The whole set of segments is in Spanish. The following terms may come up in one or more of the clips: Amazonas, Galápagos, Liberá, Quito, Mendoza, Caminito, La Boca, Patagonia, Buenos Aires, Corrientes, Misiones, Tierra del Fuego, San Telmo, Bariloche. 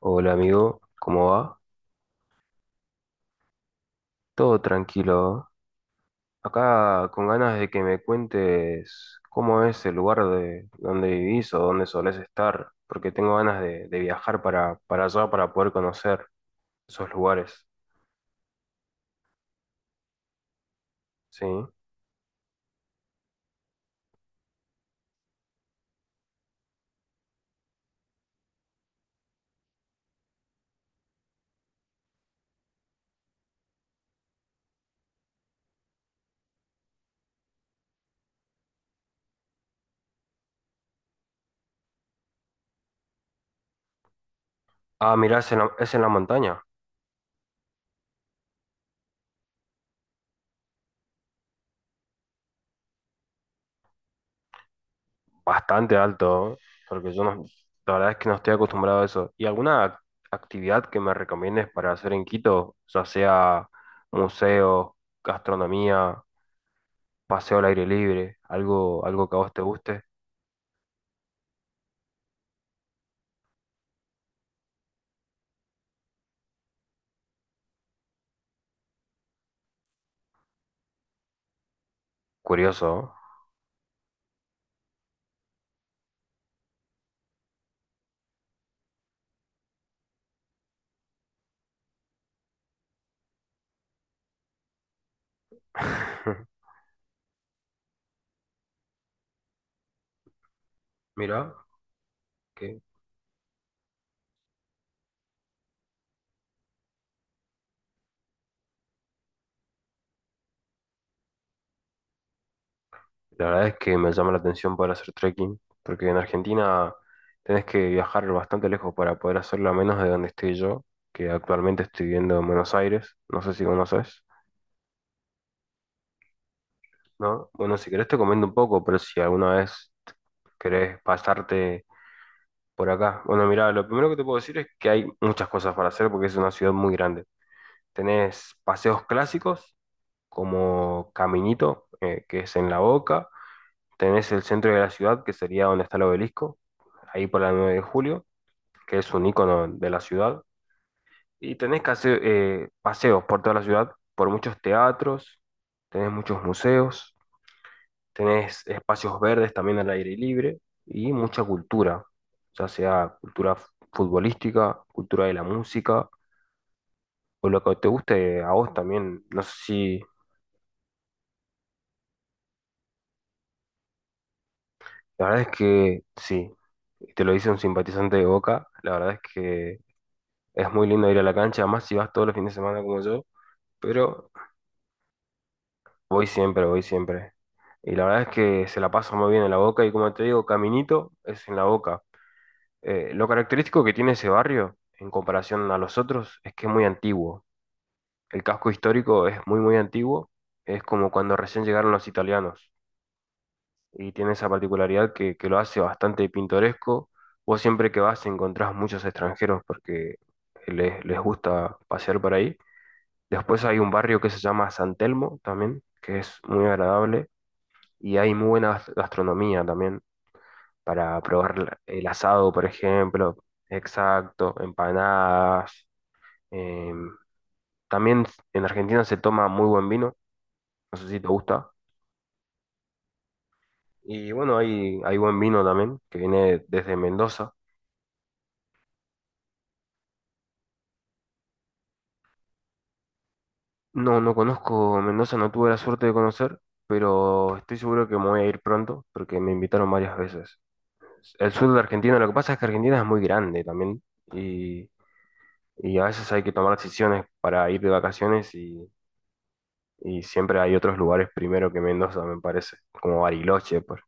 Hola amigo, ¿cómo va? Todo tranquilo. Acá con ganas de que me cuentes cómo es el lugar de donde vivís o dónde solés estar, porque tengo ganas de viajar para allá para poder conocer esos lugares. ¿Sí? Ah, mirá, es en la montaña, bastante alto, ¿eh? Porque yo no, la verdad es que no estoy acostumbrado a eso. ¿Y alguna actividad que me recomiendes para hacer en Quito, ya sea museos, gastronomía, paseo al aire libre, algo, algo que a vos te guste? Curioso, ¿no? Mira, que la verdad es que me llama la atención poder hacer trekking, porque en Argentina tenés que viajar bastante lejos para poder hacerlo a menos de donde estoy yo, que actualmente estoy viviendo en Buenos Aires, no sé si conoces, ¿no? Bueno, si querés te comento un poco, pero si alguna vez querés pasarte por acá. Bueno, mira, lo primero que te puedo decir es que hay muchas cosas para hacer porque es una ciudad muy grande. Tenés paseos clásicos, como Caminito, que es en La Boca. Tenés el centro de la ciudad, que sería donde está el obelisco, ahí por la 9 de julio, que es un icono de la ciudad. Y tenés que hacer, paseos por toda la ciudad, por muchos teatros, tenés muchos museos, tenés espacios verdes también al aire libre y mucha cultura, ya sea cultura futbolística, cultura de la música o lo que te guste a vos también. No sé si… La verdad es que sí, y te lo dice un simpatizante de Boca, la verdad es que es muy lindo ir a la cancha, más si vas todos los fines de semana como yo, pero voy siempre, voy siempre. Y la verdad es que se la pasa muy bien en la Boca y como te digo, Caminito es en la Boca. Lo característico que tiene ese barrio en comparación a los otros es que es muy antiguo. El casco histórico es muy antiguo, es como cuando recién llegaron los italianos, y tiene esa particularidad que lo hace bastante pintoresco. Vos siempre que vas encontrás muchos extranjeros porque les gusta pasear por ahí. Después hay un barrio que se llama San Telmo también, que es muy agradable y hay muy buena gastronomía también para probar el asado, por ejemplo, exacto, empanadas. em, También en Argentina se toma muy buen vino, no sé si te gusta. Y bueno, hay buen vino también, que viene desde Mendoza. No, no conozco Mendoza, no tuve la suerte de conocer, pero estoy seguro que me voy a ir pronto porque me invitaron varias veces. El sur de Argentina, lo que pasa es que Argentina es muy grande también y, y a veces hay que tomar decisiones para ir de vacaciones y siempre hay otros lugares primero que Mendoza, me parece, como Bariloche. Por…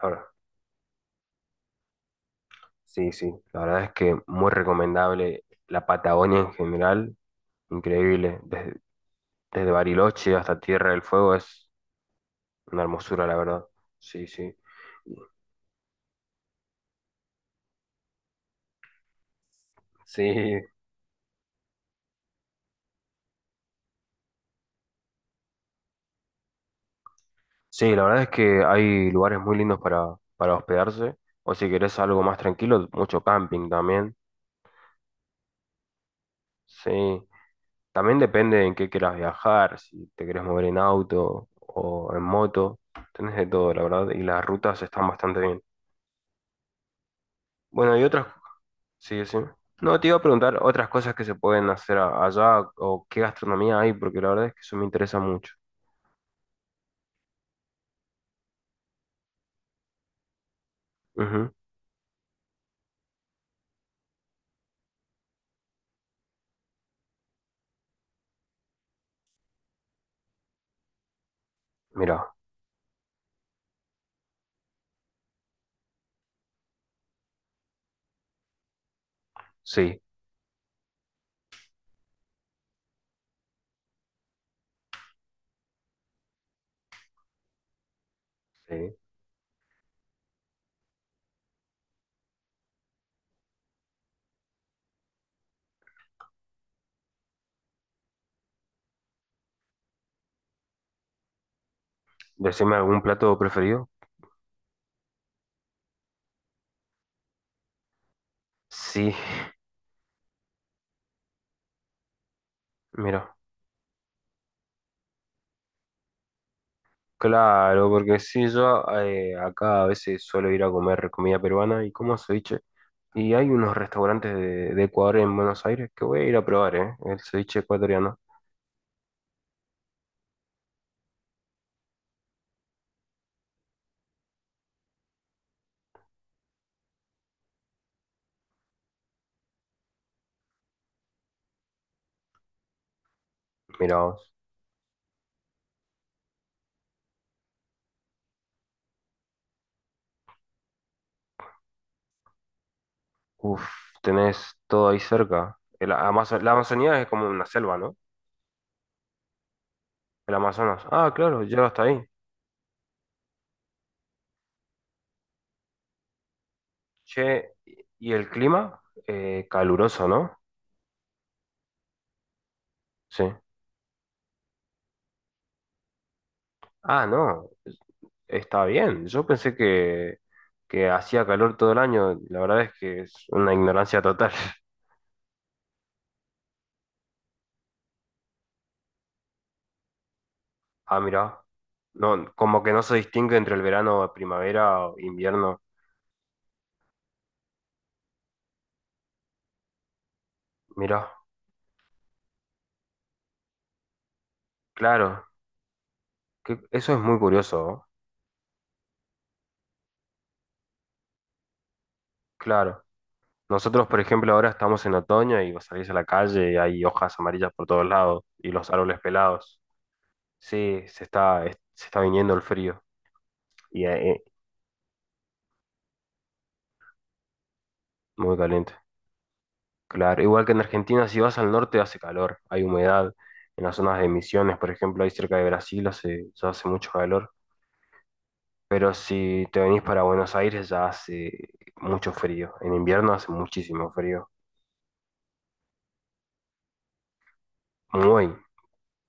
Ahora, sí, sí, la verdad es que muy recomendable la Patagonia en general, increíble, desde, desde Bariloche hasta Tierra del Fuego es una hermosura, la verdad. Sí, sí. Sí, sí, la verdad es que hay lugares muy lindos para hospedarse, o si querés algo más tranquilo, mucho camping también, sí. También depende en qué quieras viajar, si te querés mover en auto o en moto, tenés de todo, la verdad, y las rutas están bastante bien. Bueno, y otras, sí, sí. No, te iba a preguntar otras cosas que se pueden hacer allá o qué gastronomía hay, porque la verdad es que eso me interesa mucho. Ujú. Mira, sí, sí. Decime algún plato preferido. Sí, mira. Claro, porque sí, yo acá a veces suelo ir a comer comida peruana y como ceviche. Y hay unos restaurantes de Ecuador en Buenos Aires que voy a ir a probar, ¿eh? El ceviche ecuatoriano. Mirá vos. Uf, tenés todo ahí cerca. La Amazonía es como una selva, ¿no? El Amazonas. Ah, claro, llega hasta ahí. Che, ¿y el clima? ¿Caluroso, no? Sí. Ah, no. Está bien, yo pensé que hacía calor todo el año, la verdad es que es una ignorancia total. Ah, mira, no, como que no se distingue entre el verano, primavera o invierno. Mira, claro, eso es muy curioso, ¿no? Claro. Nosotros, por ejemplo, ahora estamos en otoño y vos salís a la calle y hay hojas amarillas por todos lados y los árboles pelados. Sí, se está, se está viniendo el frío y muy caliente. Claro, igual que en Argentina, si vas al norte hace calor, hay humedad. En las zonas de Misiones, por ejemplo, ahí cerca de Brasil hace, ya hace mucho calor. Pero si te venís para Buenos Aires ya hace mucho frío. En invierno hace muchísimo frío. Muy.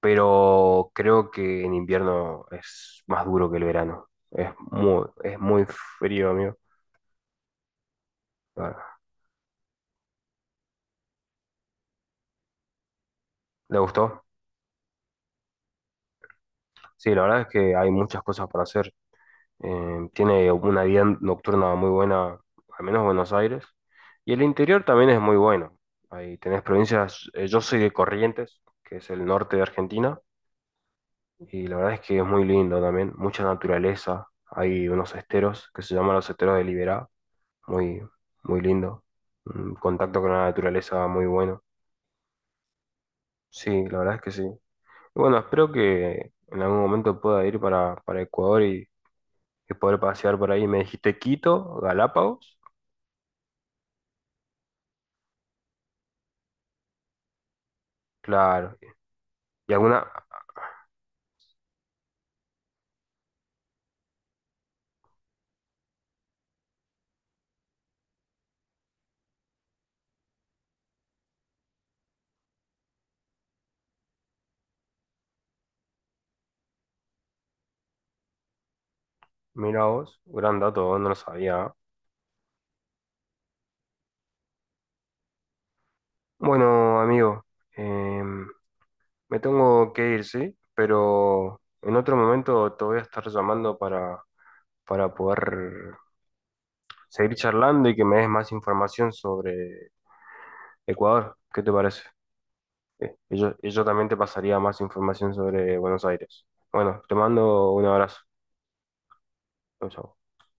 Pero creo que en invierno es más duro que el verano. Es muy frío, amigo. Ah, ¿le gustó? Sí, la verdad es que hay muchas cosas para hacer. Tiene una vida nocturna muy buena, al menos Buenos Aires. Y el interior también es muy bueno. Ahí tenés provincias, yo soy de Corrientes, que es el norte de Argentina, y la verdad es que es muy lindo también, mucha naturaleza. Hay unos esteros que se llaman los esteros de Liberá, muy, muy lindo. Un contacto con la naturaleza muy bueno. Sí, la verdad es que sí. Y bueno, espero que en algún momento pueda ir para Ecuador y poder pasear por ahí. Me dijiste Quito, Galápagos. Claro. Y alguna… Mira vos, gran dato, no lo sabía. Bueno, amigo, em, me tengo que ir, ¿sí? Pero en otro momento te voy a estar llamando para poder seguir charlando y que me des más información sobre Ecuador. ¿Qué te parece? Y yo también te pasaría más información sobre Buenos Aires. Bueno, te mando un abrazo. Chau, chau.